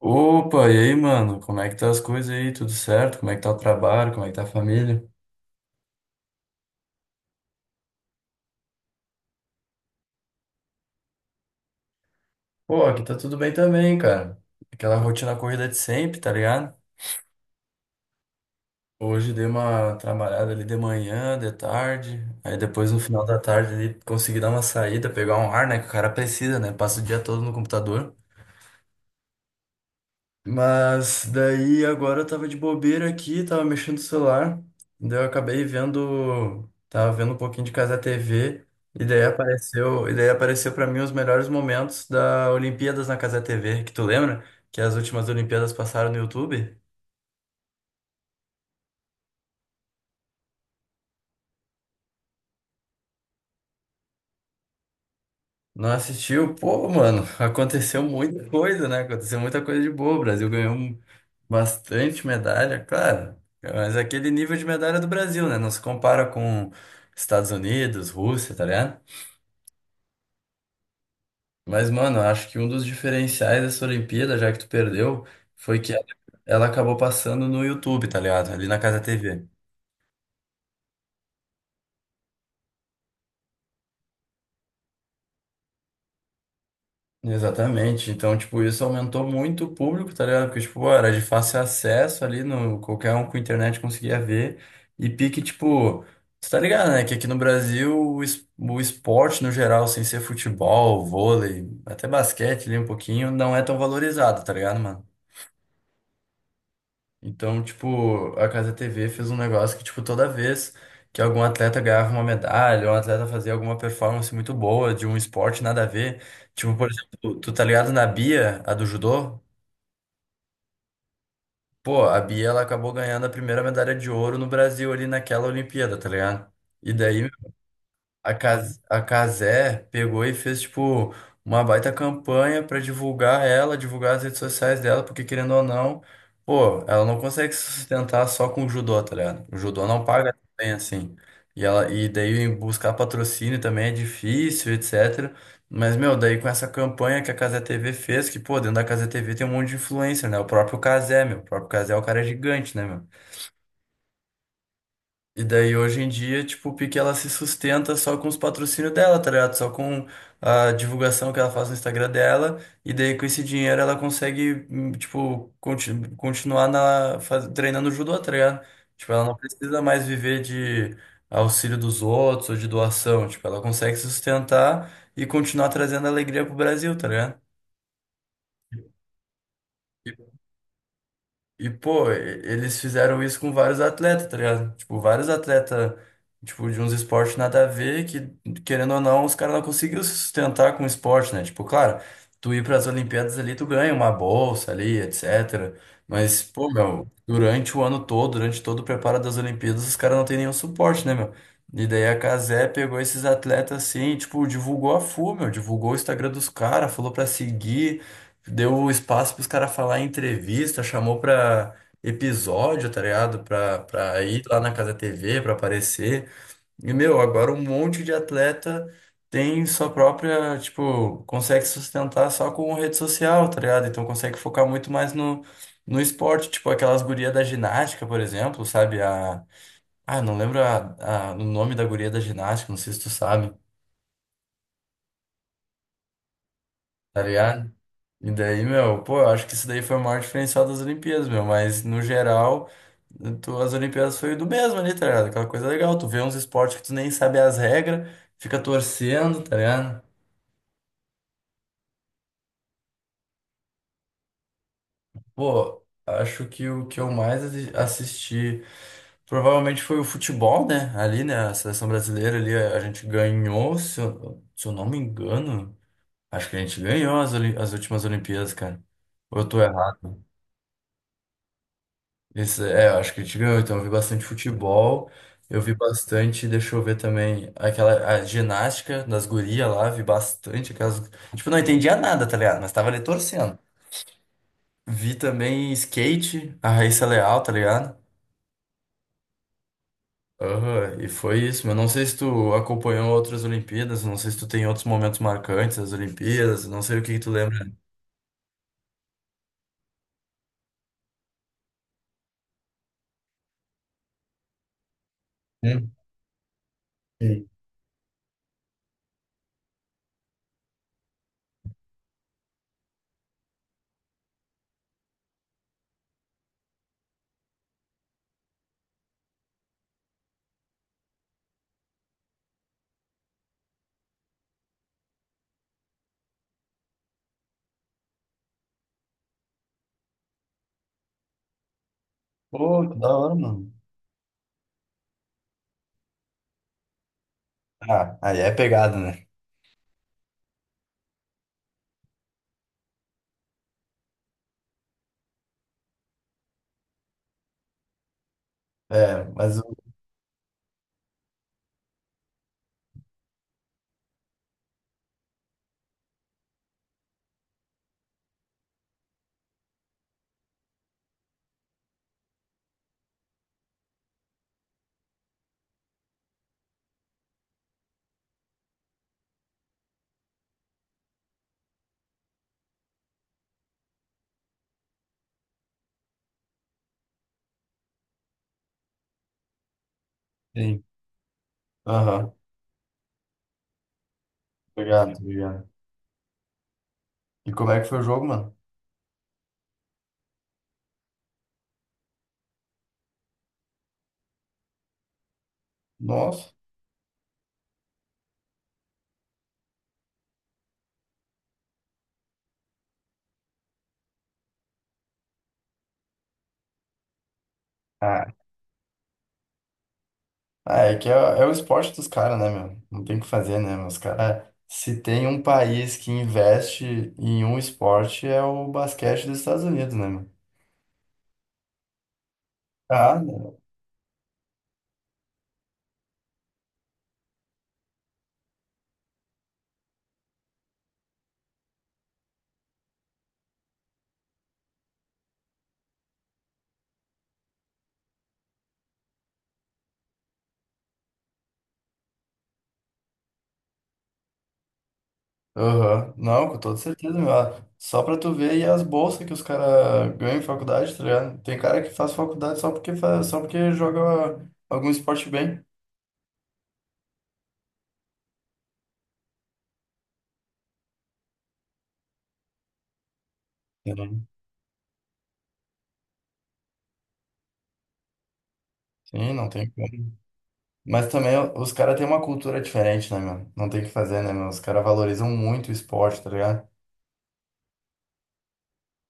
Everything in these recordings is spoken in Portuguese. Opa, e aí, mano? Como é que tá as coisas aí? Tudo certo? Como é que tá o trabalho? Como é que tá a família? Pô, aqui tá tudo bem também, cara. Aquela rotina corrida de sempre, tá ligado? Hoje dei uma trabalhada ali de manhã, de tarde. Aí depois no final da tarde ali consegui dar uma saída, pegar um ar, né? Que o cara precisa, né? Passa o dia todo no computador. Mas daí agora eu tava de bobeira aqui, tava mexendo no celular, daí eu acabei vendo, tava vendo um pouquinho de Casa TV, e daí apareceu para mim os melhores momentos da Olimpíadas na Casa TV, que tu lembra? Que as últimas Olimpíadas passaram no YouTube? Não assistiu? Pô, mano, aconteceu muita coisa, né? Aconteceu muita coisa de boa. O Brasil ganhou bastante medalha, claro, mas aquele nível de medalha do Brasil, né? Não se compara com Estados Unidos, Rússia, tá ligado? Mas, mano, eu acho que um dos diferenciais dessa Olimpíada, já que tu perdeu, foi que ela acabou passando no YouTube, tá ligado? Ali na Casa TV. Exatamente. Então, tipo, isso aumentou muito o público, tá ligado? Porque, tipo, era de fácil acesso ali, no, qualquer um com internet conseguia ver. E pique, tipo, tu tá ligado, né? Que aqui no Brasil o esporte no geral, sem ser futebol, vôlei, até basquete ali um pouquinho, não é tão valorizado, tá ligado, mano? Então, tipo, a Casa TV fez um negócio que, tipo, toda vez que algum atleta ganhava uma medalha, ou um atleta fazia alguma performance muito boa de um esporte nada a ver, tipo, por exemplo, tu tá ligado na Bia, a do judô? Pô, a Bia, ela acabou ganhando a primeira medalha de ouro no Brasil ali naquela Olimpíada, tá ligado? E daí, a Casé pegou e fez, tipo, uma baita campanha pra divulgar ela, divulgar as redes sociais dela, porque querendo ou não, pô, ela não consegue se sustentar só com o judô, tá ligado? O judô não paga tão bem assim. E daí buscar patrocínio também é difícil, etc. Mas, meu, daí com essa campanha que a Cazé TV fez, que, pô, dentro da Cazé TV tem um monte de influencer, né? O próprio Casé meu, o próprio Casé é o cara gigante, né, meu? E daí hoje em dia, tipo, o Pique ela se sustenta só com os patrocínios dela, tá ligado? Só com a divulgação que ela faz no Instagram dela. E daí com esse dinheiro ela consegue, tipo, continuar na, treinando judô, tá ligado? Tipo, ela não precisa mais viver de auxílio dos outros ou de doação. Tipo, ela consegue se sustentar e continuar trazendo alegria pro Brasil, tá ligado? E, pô, eles fizeram isso com vários atletas, tá ligado? Tipo, vários atletas, tipo, de uns esportes nada a ver, que, querendo ou não, os caras não conseguiram se sustentar com o esporte, né? Tipo, claro, tu ir pras Olimpíadas ali, tu ganha uma bolsa ali, etc. Mas, pô, meu, durante o ano todo, durante todo o preparo das Olimpíadas, os caras não têm nenhum suporte, né, meu? E daí a Cazé pegou esses atletas assim, e, tipo, divulgou a full, meu, divulgou o Instagram dos caras, falou pra seguir, deu espaço pros caras falar em entrevista, chamou pra episódio, tá ligado? Pra ir lá na Casa TV, pra aparecer. E, meu, agora um monte de atleta tem sua própria, tipo, consegue se sustentar só com rede social, tá ligado? Então consegue focar muito mais no esporte, tipo aquelas gurias da ginástica, por exemplo, sabe? Não lembro o nome da guria da ginástica, não sei se tu sabe. Tá ligado? E daí, meu, pô, eu acho que isso daí foi o maior diferencial das Olimpíadas, meu, mas no geral, tu, as Olimpíadas foi do mesmo ali, tá ligado? Aquela coisa legal, tu vê uns esportes que tu nem sabe as regras, fica torcendo, tá ligado? Pô, acho que o que eu mais assisti provavelmente foi o futebol, né? Ali, né, a seleção brasileira ali, a gente ganhou, se eu não me engano, acho que a gente ganhou as últimas Olimpíadas, cara. Ou tu é? Isso, é, eu acho que a gente ganhou, então eu vi bastante futebol, eu vi bastante, deixa eu ver também, aquela a ginástica das gurias lá, vi bastante aquelas. Tipo, não entendia nada, tá ligado? Mas tava ali torcendo. Vi também skate, a Raíssa Leal, tá ligado? Aham, e foi isso, mas não sei se tu acompanhou outras Olimpíadas, não sei se tu tem outros momentos marcantes das Olimpíadas, não sei o que que tu lembra. Hum, sim. Pô, que da hora, mano. Ah, aí é pegado, né? É, mas o. Sim. Aham, obrigado, obrigado. E como é que foi o jogo, mano? Nossa. Ah, Ah, é que é, é o esporte dos caras, né, meu? Não tem o que fazer, né, meu? Os caras. Se tem um país que investe em um esporte, é o basquete dos Estados Unidos, né, meu? Ah, né? Aham. Não, com toda certeza, meu. Ah, só pra tu ver aí as bolsas que os caras ganham em faculdade, tá ligado? Tem cara que faz faculdade só porque, faz, só porque joga algum esporte bem. Sim, Sim, não tem. Mas também os caras têm uma cultura diferente, né, meu? Não tem o que fazer, né, meu? Os caras valorizam muito o esporte, tá ligado?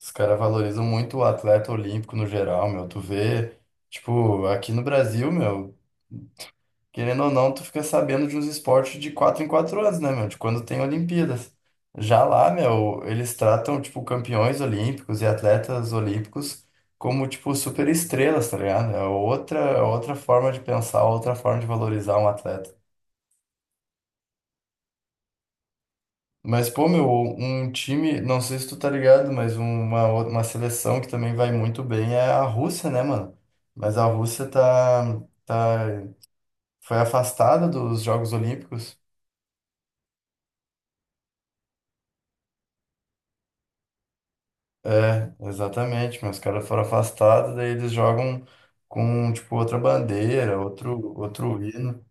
Os caras valorizam muito o atleta olímpico no geral, meu. Tu vê, tipo, aqui no Brasil, meu, querendo ou não, tu fica sabendo de uns esportes de quatro em quatro anos, né, meu? De quando tem Olimpíadas. Já lá, meu, eles tratam, tipo, campeões olímpicos e atletas olímpicos como, tipo, super estrelas, tá ligado? É outra forma de pensar, outra forma de valorizar um atleta. Mas, pô, meu, um time, não sei se tu tá ligado, mas uma seleção que também vai muito bem é a Rússia, né, mano? Mas a Rússia foi afastada dos Jogos Olímpicos. É, exatamente, mas os caras foram afastados, daí eles jogam com, tipo, outra bandeira, outro hino.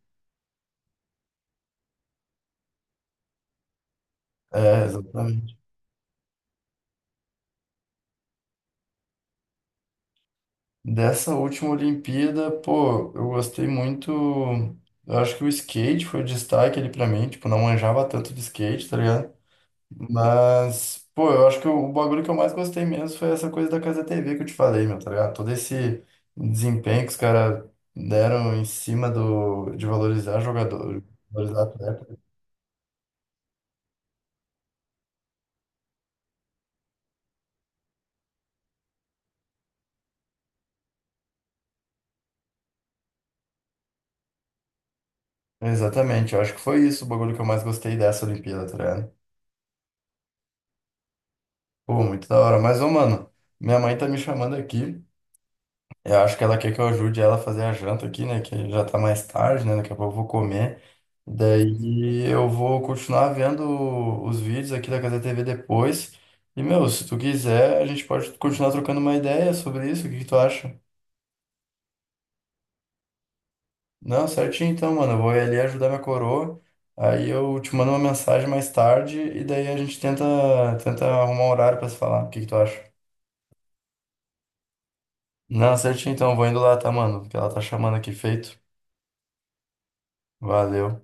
É, exatamente. Dessa última Olimpíada, pô, eu gostei muito. Eu acho que o skate foi o destaque ali pra mim, tipo, não manjava tanto de skate, tá ligado? Mas, pô, eu acho que o bagulho que eu mais gostei mesmo foi essa coisa da Casa TV que eu te falei, meu, tá ligado? Todo esse desempenho que os caras deram em cima do, de valorizar jogador, valorizar atleta. Exatamente, eu acho que foi isso o bagulho que eu mais gostei dessa Olimpíada, tá ligado? Pô, muito da hora. Mas, ô, mano, minha mãe tá me chamando aqui. Eu acho que ela quer que eu ajude ela a fazer a janta aqui, né? Que já tá mais tarde, né? Daqui a pouco eu vou comer. Daí eu vou continuar vendo os vídeos aqui da Casa TV depois. E, meu, se tu quiser, a gente pode continuar trocando uma ideia sobre isso. O que que tu acha? Não, certinho então, mano. Eu vou ir ali ajudar minha coroa. Aí eu te mando uma mensagem mais tarde e daí a gente tenta arrumar um horário pra se falar. O que que tu acha? Não, certinho então. Vou indo lá, tá, mano? Porque ela tá chamando aqui, feito. Valeu.